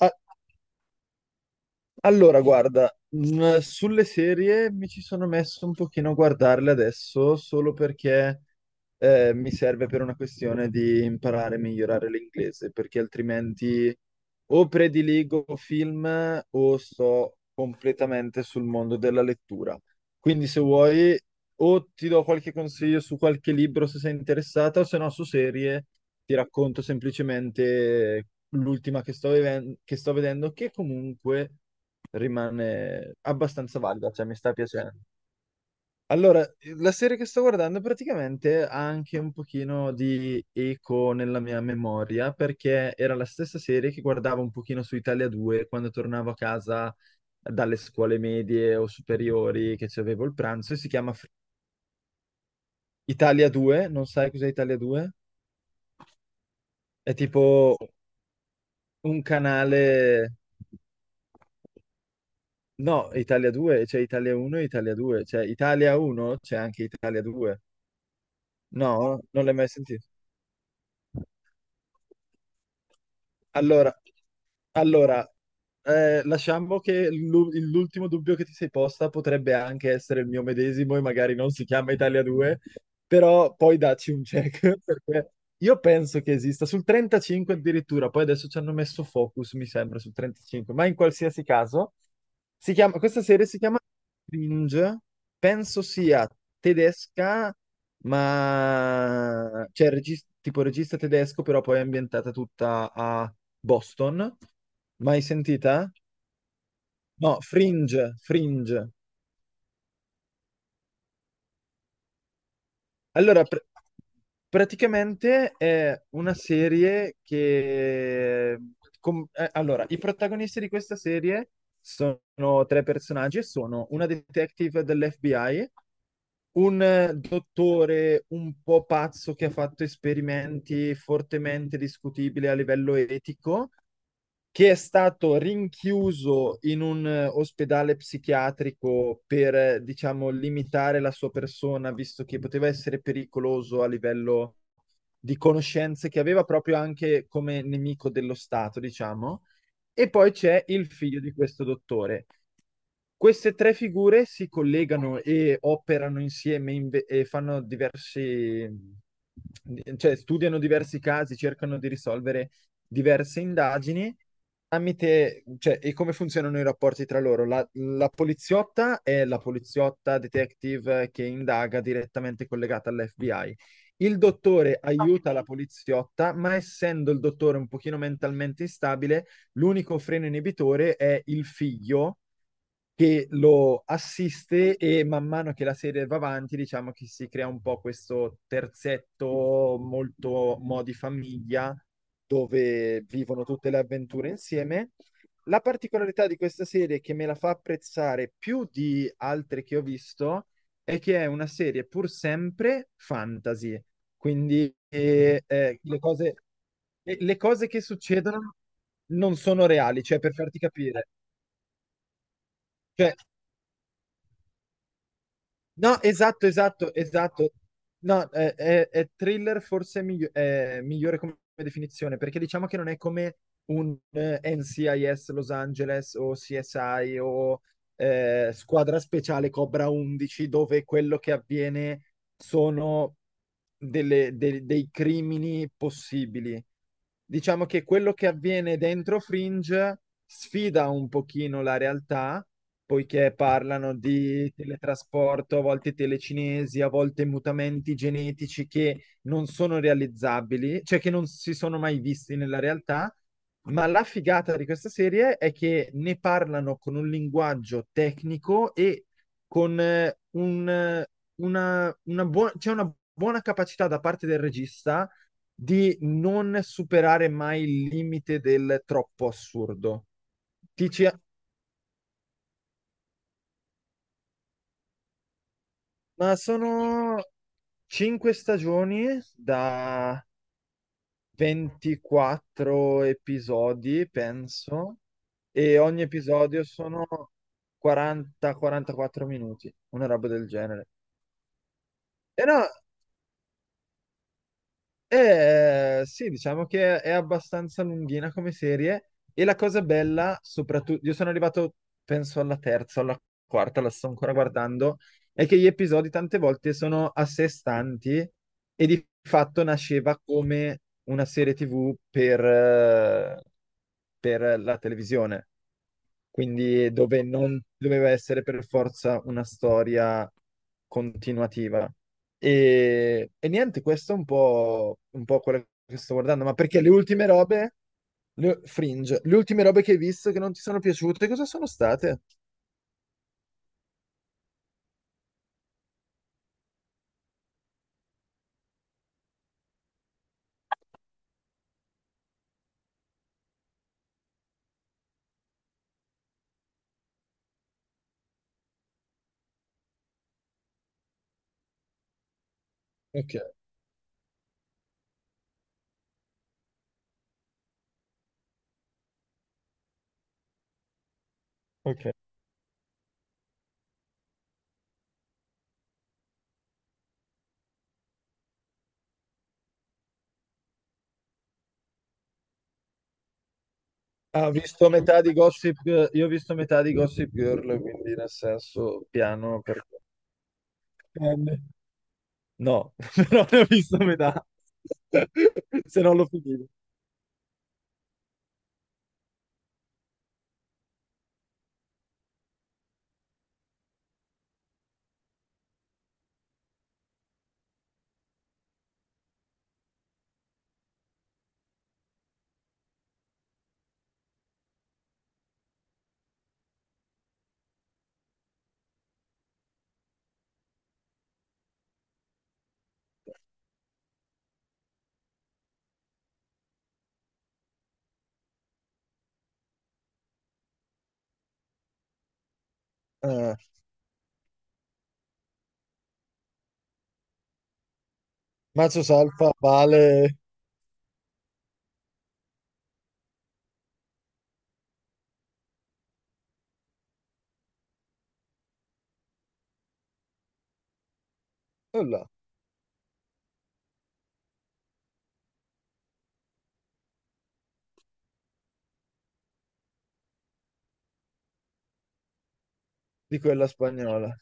eh, allora, guarda, sulle serie mi ci sono messo un pochino a guardarle adesso solo perché mi serve per una questione di imparare e migliorare l'inglese, perché altrimenti o prediligo film o sto completamente sul mondo della lettura. Quindi se vuoi o ti do qualche consiglio su qualche libro se sei interessata, o se no su serie ti racconto semplicemente l'ultima che sto vedendo, che comunque rimane abbastanza valida, cioè mi sta piacendo. Allora, la serie che sto guardando praticamente ha anche un pochino di eco nella mia memoria, perché era la stessa serie che guardavo un pochino su Italia 2 quando tornavo a casa dalle scuole medie o superiori che ci avevo il pranzo, e si chiama Italia 2, non sai cos'è Italia 2? È tipo un canale. No, Italia 2, c'è Italia 1 e Italia 2, cioè Italia 1 c'è anche Italia 2. No, non l'hai mai sentito. Allora, allora, lasciamo che l'ultimo dubbio che ti sei posta potrebbe anche essere il mio medesimo e magari non si chiama Italia 2, però poi dacci un check, perché io penso che esista sul 35 addirittura, poi adesso ci hanno messo Focus, mi sembra, sul 35, ma in qualsiasi caso. Questa serie si chiama Cringe, penso sia tedesca, ma cioè tipo regista tedesco, però poi è ambientata tutta a Boston. Mai sentita? No, Fringe, Fringe. Allora, praticamente è una serie che. Allora, i protagonisti di questa serie sono tre personaggi e sono una detective dell'FBI, un dottore un po' pazzo che ha fatto esperimenti fortemente discutibili a livello etico che è stato rinchiuso in un ospedale psichiatrico per, diciamo, limitare la sua persona, visto che poteva essere pericoloso a livello di conoscenze che aveva proprio anche come nemico dello Stato, diciamo. E poi c'è il figlio di questo dottore. Queste tre figure si collegano e operano insieme e fanno diversi, cioè studiano diversi casi, cercano di risolvere diverse indagini tramite, cioè, e come funzionano i rapporti tra loro? La poliziotta è la poliziotta detective che indaga direttamente collegata all'FBI. Il dottore aiuta la, ok, poliziotta, ma essendo il dottore un pochino mentalmente instabile, l'unico freno inibitore è il figlio che lo assiste e man mano che la serie va avanti, diciamo che si crea un po' questo terzetto molto modi famiglia dove vivono tutte le avventure insieme. La particolarità di questa serie che me la fa apprezzare più di altre che ho visto è che è una serie pur sempre fantasy, quindi le cose, le cose che succedono non sono reali, cioè per farti capire. Cioè, no, esatto, esatto, esatto. No, è thriller forse è migliore come definizione, perché diciamo che non è come un NCIS Los Angeles o CSI o squadra speciale Cobra 11, dove quello che avviene sono dei crimini possibili. Diciamo che quello che avviene dentro Fringe sfida un pochino la realtà, poiché parlano di teletrasporto, a volte telecinesi, a volte mutamenti genetici che non sono realizzabili, cioè che non si sono mai visti nella realtà, ma la figata di questa serie è che ne parlano con un linguaggio tecnico e con un, una buona, c'è una buona capacità da parte del regista di non superare mai il limite del troppo assurdo. Dici: "Ah, ma sono cinque stagioni da 24 episodi, penso, e ogni episodio sono 40-44 minuti, una roba del genere." E no, sì, diciamo che è abbastanza lunghina come serie. E la cosa bella, soprattutto, io sono arrivato, penso, alla terza, alla quarta, la sto ancora guardando, è che gli episodi tante volte sono a sé stanti e di fatto nasceva come una serie TV per, per la televisione, quindi dove non doveva essere per forza una storia continuativa. E niente, questo è un po', quello che sto guardando, ma perché le ultime robe, Fringe, le ultime robe che hai visto che non ti sono piaciute, cosa sono state? Ok, ok. Ah, ho visto metà di Gossip, Girl- io ho visto metà di Gossip Girl, quindi nel senso piano perché. No, però ne ho visto metà. Se non l'ho finito. eh, Mazzos Alfa vale nulla di quella spagnola.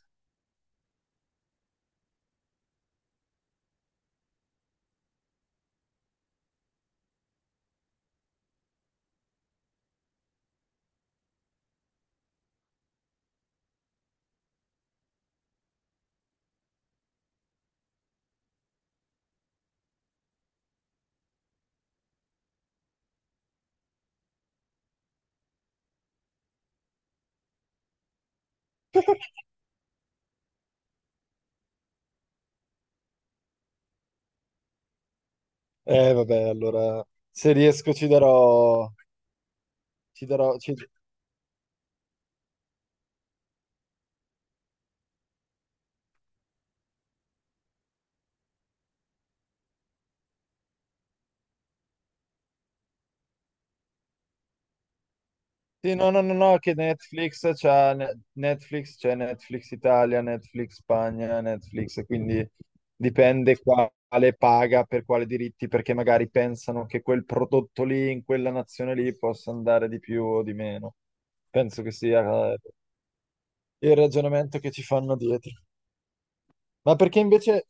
Vabbè, allora se riesco ci darò. Sì, no, no, no, no, che Netflix c'ha Netflix, c'è Netflix Italia, Netflix Spagna, Netflix, quindi dipende quale paga per quale diritti, perché magari pensano che quel prodotto lì, in quella nazione lì, possa andare di più o di meno. Penso che sia eh, il ragionamento che ci fanno dietro. Ma perché invece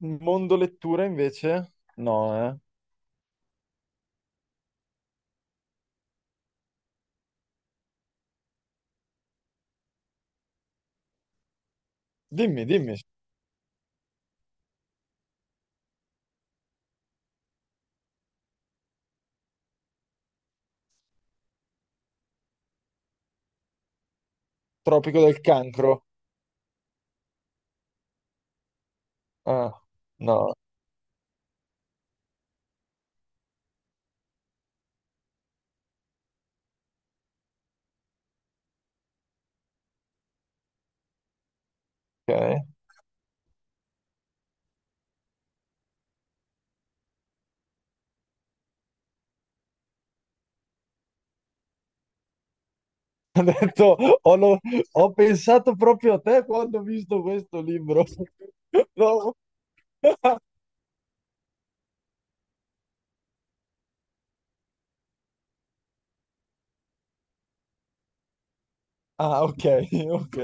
Mondo lettura invece? No, eh. Dimmi, dimmi. Tropico del cancro. Ah, no, ok. Ho detto, ho, lo- ho pensato proprio a te quando ho visto questo libro. No. Ah, ok, ok.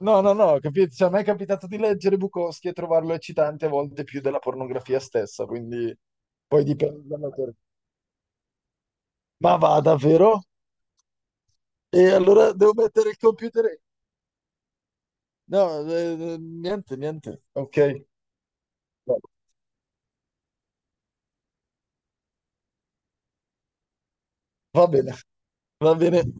No, no, no, capito. Cioè, a me è capitato di leggere Bukowski e trovarlo eccitante a volte più della pornografia stessa, quindi poi dipende dall'autore. Ma va, davvero? E allora devo mettere il computer? No, niente, niente. Ok. Va bene, va bene.